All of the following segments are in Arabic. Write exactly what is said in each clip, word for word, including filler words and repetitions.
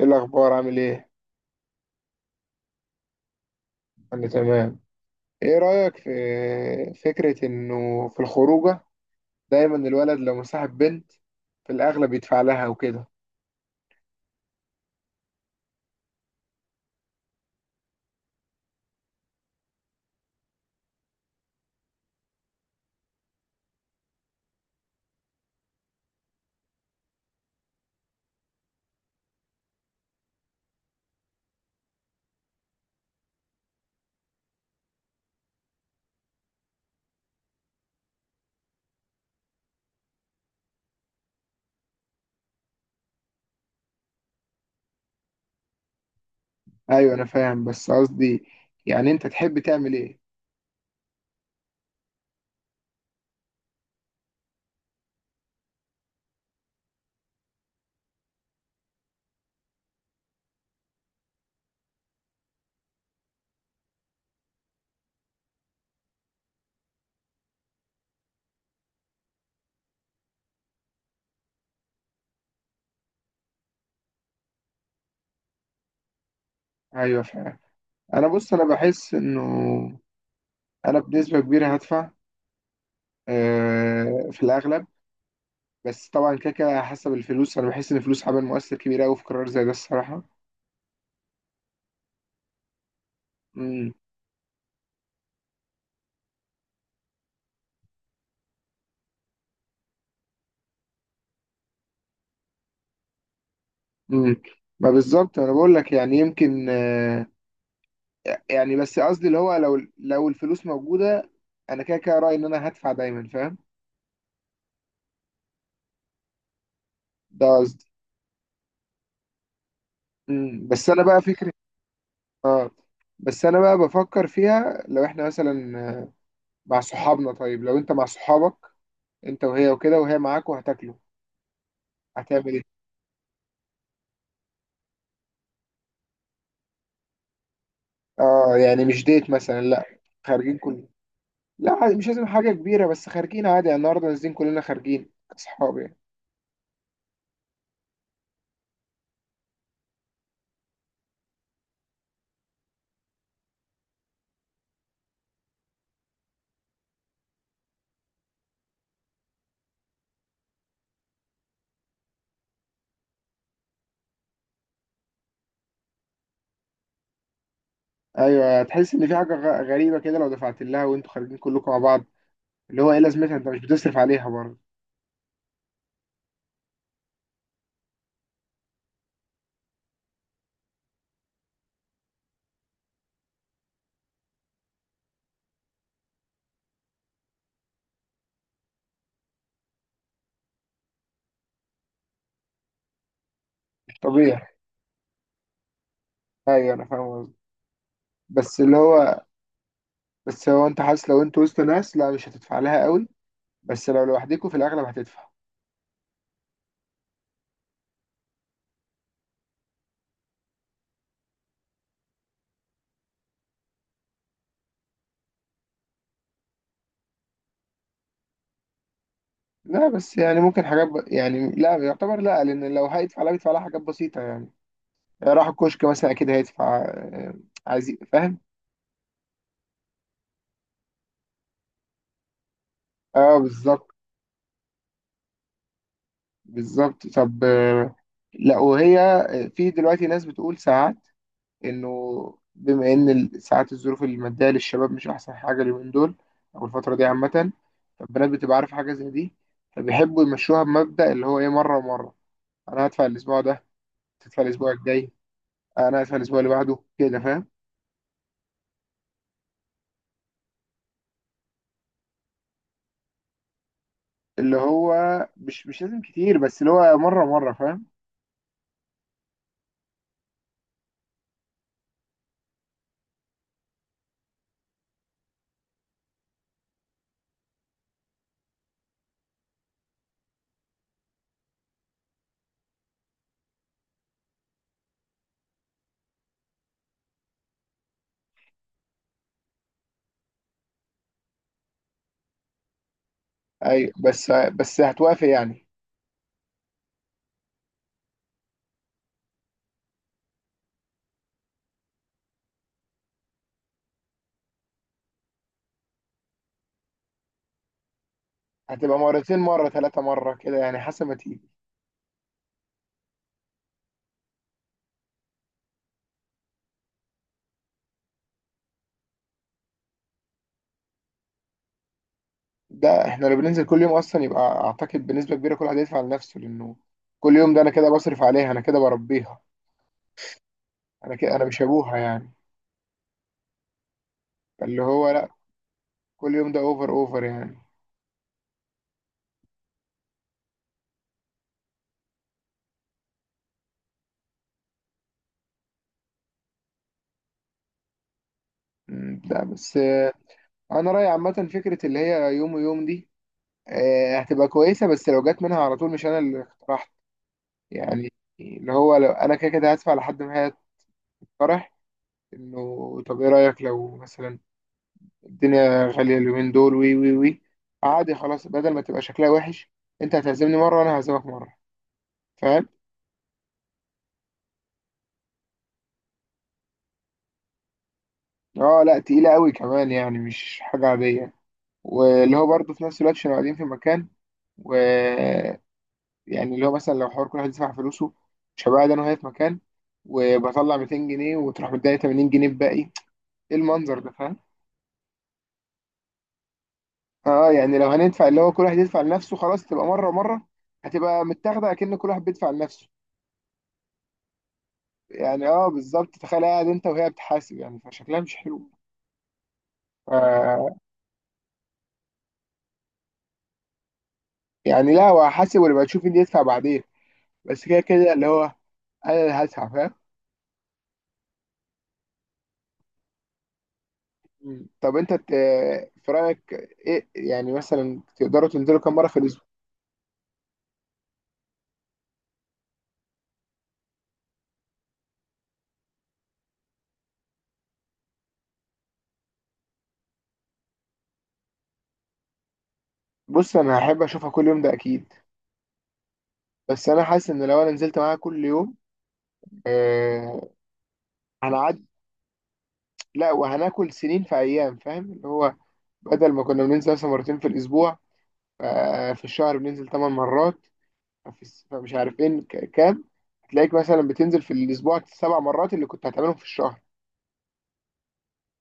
ايه الاخبار؟ عامل ايه؟ انا تمام. ايه رايك في فكره انه في الخروجه دايما الولد لو مصاحب بنت في الاغلب يدفع لها وكده؟ ايوه انا فاهم، بس قصدي يعني انت تحب تعمل ايه؟ ايوه فاهم. انا، بص، انا بحس انه انا بنسبه كبيره هدفع، آه، في الاغلب. بس طبعا كده كده حسب الفلوس، انا بحس ان الفلوس عامل مؤثر كبير قوي في قرار زي ده الصراحه. امم امم ما بالظبط، انا بقول لك يعني يمكن، آه، يعني بس قصدي اللي هو لو لو الفلوس موجودة، انا كده كده رأيي ان انا هدفع دايما، فاهم؟ ده قصدي. أمم، بس انا بقى فكرة، اه، بس انا بقى بفكر فيها. لو احنا مثلا آه، مع صحابنا، طيب لو انت مع صحابك انت وهي وكده، وهي معاك وهتاكلوا، هتعمل ايه؟ اه يعني مش ديت مثلا، لا. خارجين كلنا؟ لا عادي، مش لازم حاجة كبيرة بس خارجين عادي يعني، النهاردة نازلين كلنا خارجين كصحاب يعني. ايوه، هتحس ان في حاجة غ- غريبة كده لو دفعت لها وانتوا خارجين كلكم مع بعض. اللي هو ايه لازمتها، انت مش بتصرف عليها برضه. طبيعي. ايوه انا فاهم قصدي. بس اللي هو، بس هو انت حاسس لو انت وسط ناس لا مش هتدفع لها قوي، بس لو لوحدكوا في الاغلب هتدفع. لا بس يعني ممكن حاجات ب... يعني لا يعتبر، لا، لان لو هيدفع لا بيدفع لها حاجات بسيطه يعني. راح الكشك مثلا اكيد هيدفع، آه، عايز ي- فاهم؟ اه بالظبط. بالظبط. طب، آه، لا وهي، آه، في دلوقتي ناس بتقول ساعات انه بما ان ال- ساعات الظروف الماديه للشباب مش احسن حاجه اليومين دول او الفتره دي عامه، فالبنات بتبقى عارفه حاجه زي دي، فبيحبوا يمشوها بمبدا اللي هو ايه مره ومره. انا هدفع الاسبوع ده، تدفع الاسبوع الجاي، انا هدفع الاسبوع اللي بعده كده، فاهم؟ اللي هو مش مش لازم كتير بس اللي هو مره مره، فاهم؟ ايوه، بس بس هتوافق يعني. هتبقى مرتين، مره ثلاثه مره كده يعني، حسب ما تيجي. ده احنا لو بننزل كل يوم اصلا يبقى اعتقد بنسبه كبيره كل واحد هيدفع لنفسه، لانه كل يوم ده انا كده بصرف عليها، انا كده بربيها، انا كده انا مش ابوها يعني. فاللي هو لا، كل يوم ده اوفر اوفر يعني. مم، لا بس، آه، انا رايي عامه فكره اللي هي يوم ويوم دي آه، هتبقى كويسه، بس لو جت منها على طول مش انا اللي اقترحت يعني. اللي هو لو انا كده كده هدفع لحد ما هي تقترح انه طب ايه رايك لو مثلا الدنيا غالية اليومين دول، وي وي وي، عادي خلاص بدل ما تبقى شكلها وحش، انت هتعزمني مرة وانا هعزمك مرة، فاهم؟ اه لا تقيلة قوي كمان يعني، مش حاجة عادية. واللي هو برضه في نفس الوقت عشان قاعدين في مكان و... يعني اللي هو مثلا لو حوار كل واحد يدفع فلوسه، مش هبقى قاعد انا وهي في مكان وبطلع ميتين جنيه وتروح مداني تمانين جنيه بباقي ايه، المنظر ده فاهم؟ اه يعني لو هندفع اللي هو كل واحد يدفع لنفسه، خلاص تبقى مرة مرة، هتبقى متاخدة كأن كل واحد بيدفع لنفسه. يعني اه بالظبط، تخيل قاعد انت وهي بتحاسب يعني، فشكلها مش حلو. ف... يعني لا، هو هحاسب ولا تشوف مين يدفع بعدين، بس كده كده اللي هو انا اللي هدفع، فاهم؟ مم. طب انت، ت- في رايك ايه يعني، مثلا تقدروا تنزلوا كام مره في الاسبوع؟ بص انا هحب اشوفها كل يوم ده اكيد، بس انا حاسس ان لو انا نزلت معاها كل يوم، آه، هنعد، لا وهناكل سنين في ايام، فاهم اللي هو بدل ما كنا بننزل مثلا مرتين في الاسبوع، آه، في الشهر بننزل ثمان مرات، ففي الس- فمش عارف ايه، تلاقيك مثلا بتنزل في الاسبوع سبع مرات اللي كنت هتعملهم في الشهر،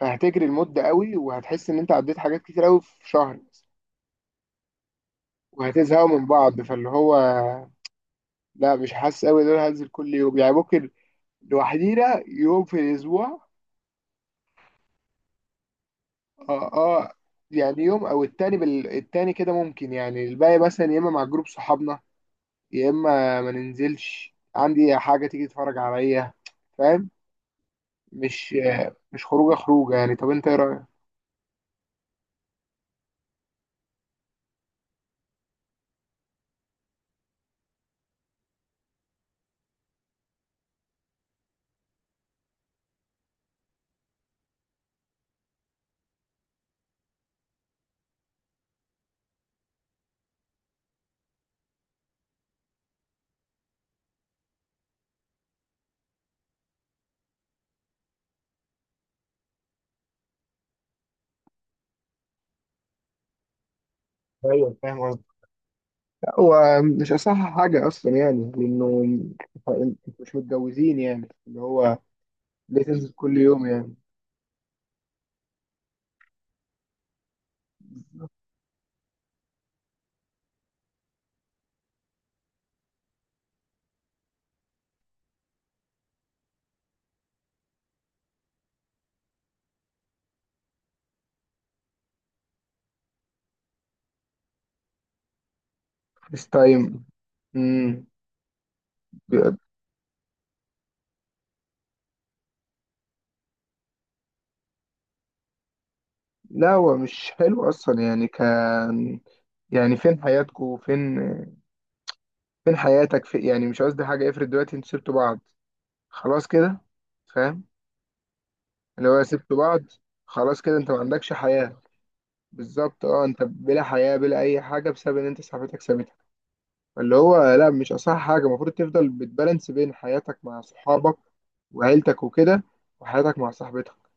فهتجري المده قوي وهتحس ان انت عديت حاجات كتير قوي في شهر وهتزهقوا من بعض. فاللي هو لا، مش حاسس قوي ان انا هنزل كل يوم يعني، ممكن لوحدينا يوم في الاسبوع. اه، اه يعني يوم او التاني بال... التاني كده ممكن يعني، الباقي مثلا يا اما مع جروب صحابنا يا اما ما ننزلش، عندي حاجه تيجي تتفرج عليا فاهم؟ مش مش خروجه خروجه يعني. طب انت ايه رايك؟ ايوه فاهم. هو مش أصح حاجة أصلا يعني، لأنه أنتوا مش متجوزين يعني، اللي هو ليه تنزل كل يوم يعني؟ فيس تايم. مم. بي- لا هو مش حلو أصلا يعني، كان يعني فين حياتكوا، فين فين حياتك في يعني، مش قصدي حاجة، افرض دلوقتي انتوا سبتوا بعض خلاص كده، فاهم؟ اللي هو سبتوا بعض خلاص كده، انت ما عندكش حياة. بالظبط اه، انت بلا حياة بلا أي حاجة بسبب ان انت صاحبتك سابتك. اللي هو لا مش اصح حاجه، المفروض تفضل بتبالانس بين حياتك مع صحابك وعيلتك وكده وحياتك مع صاحبتك.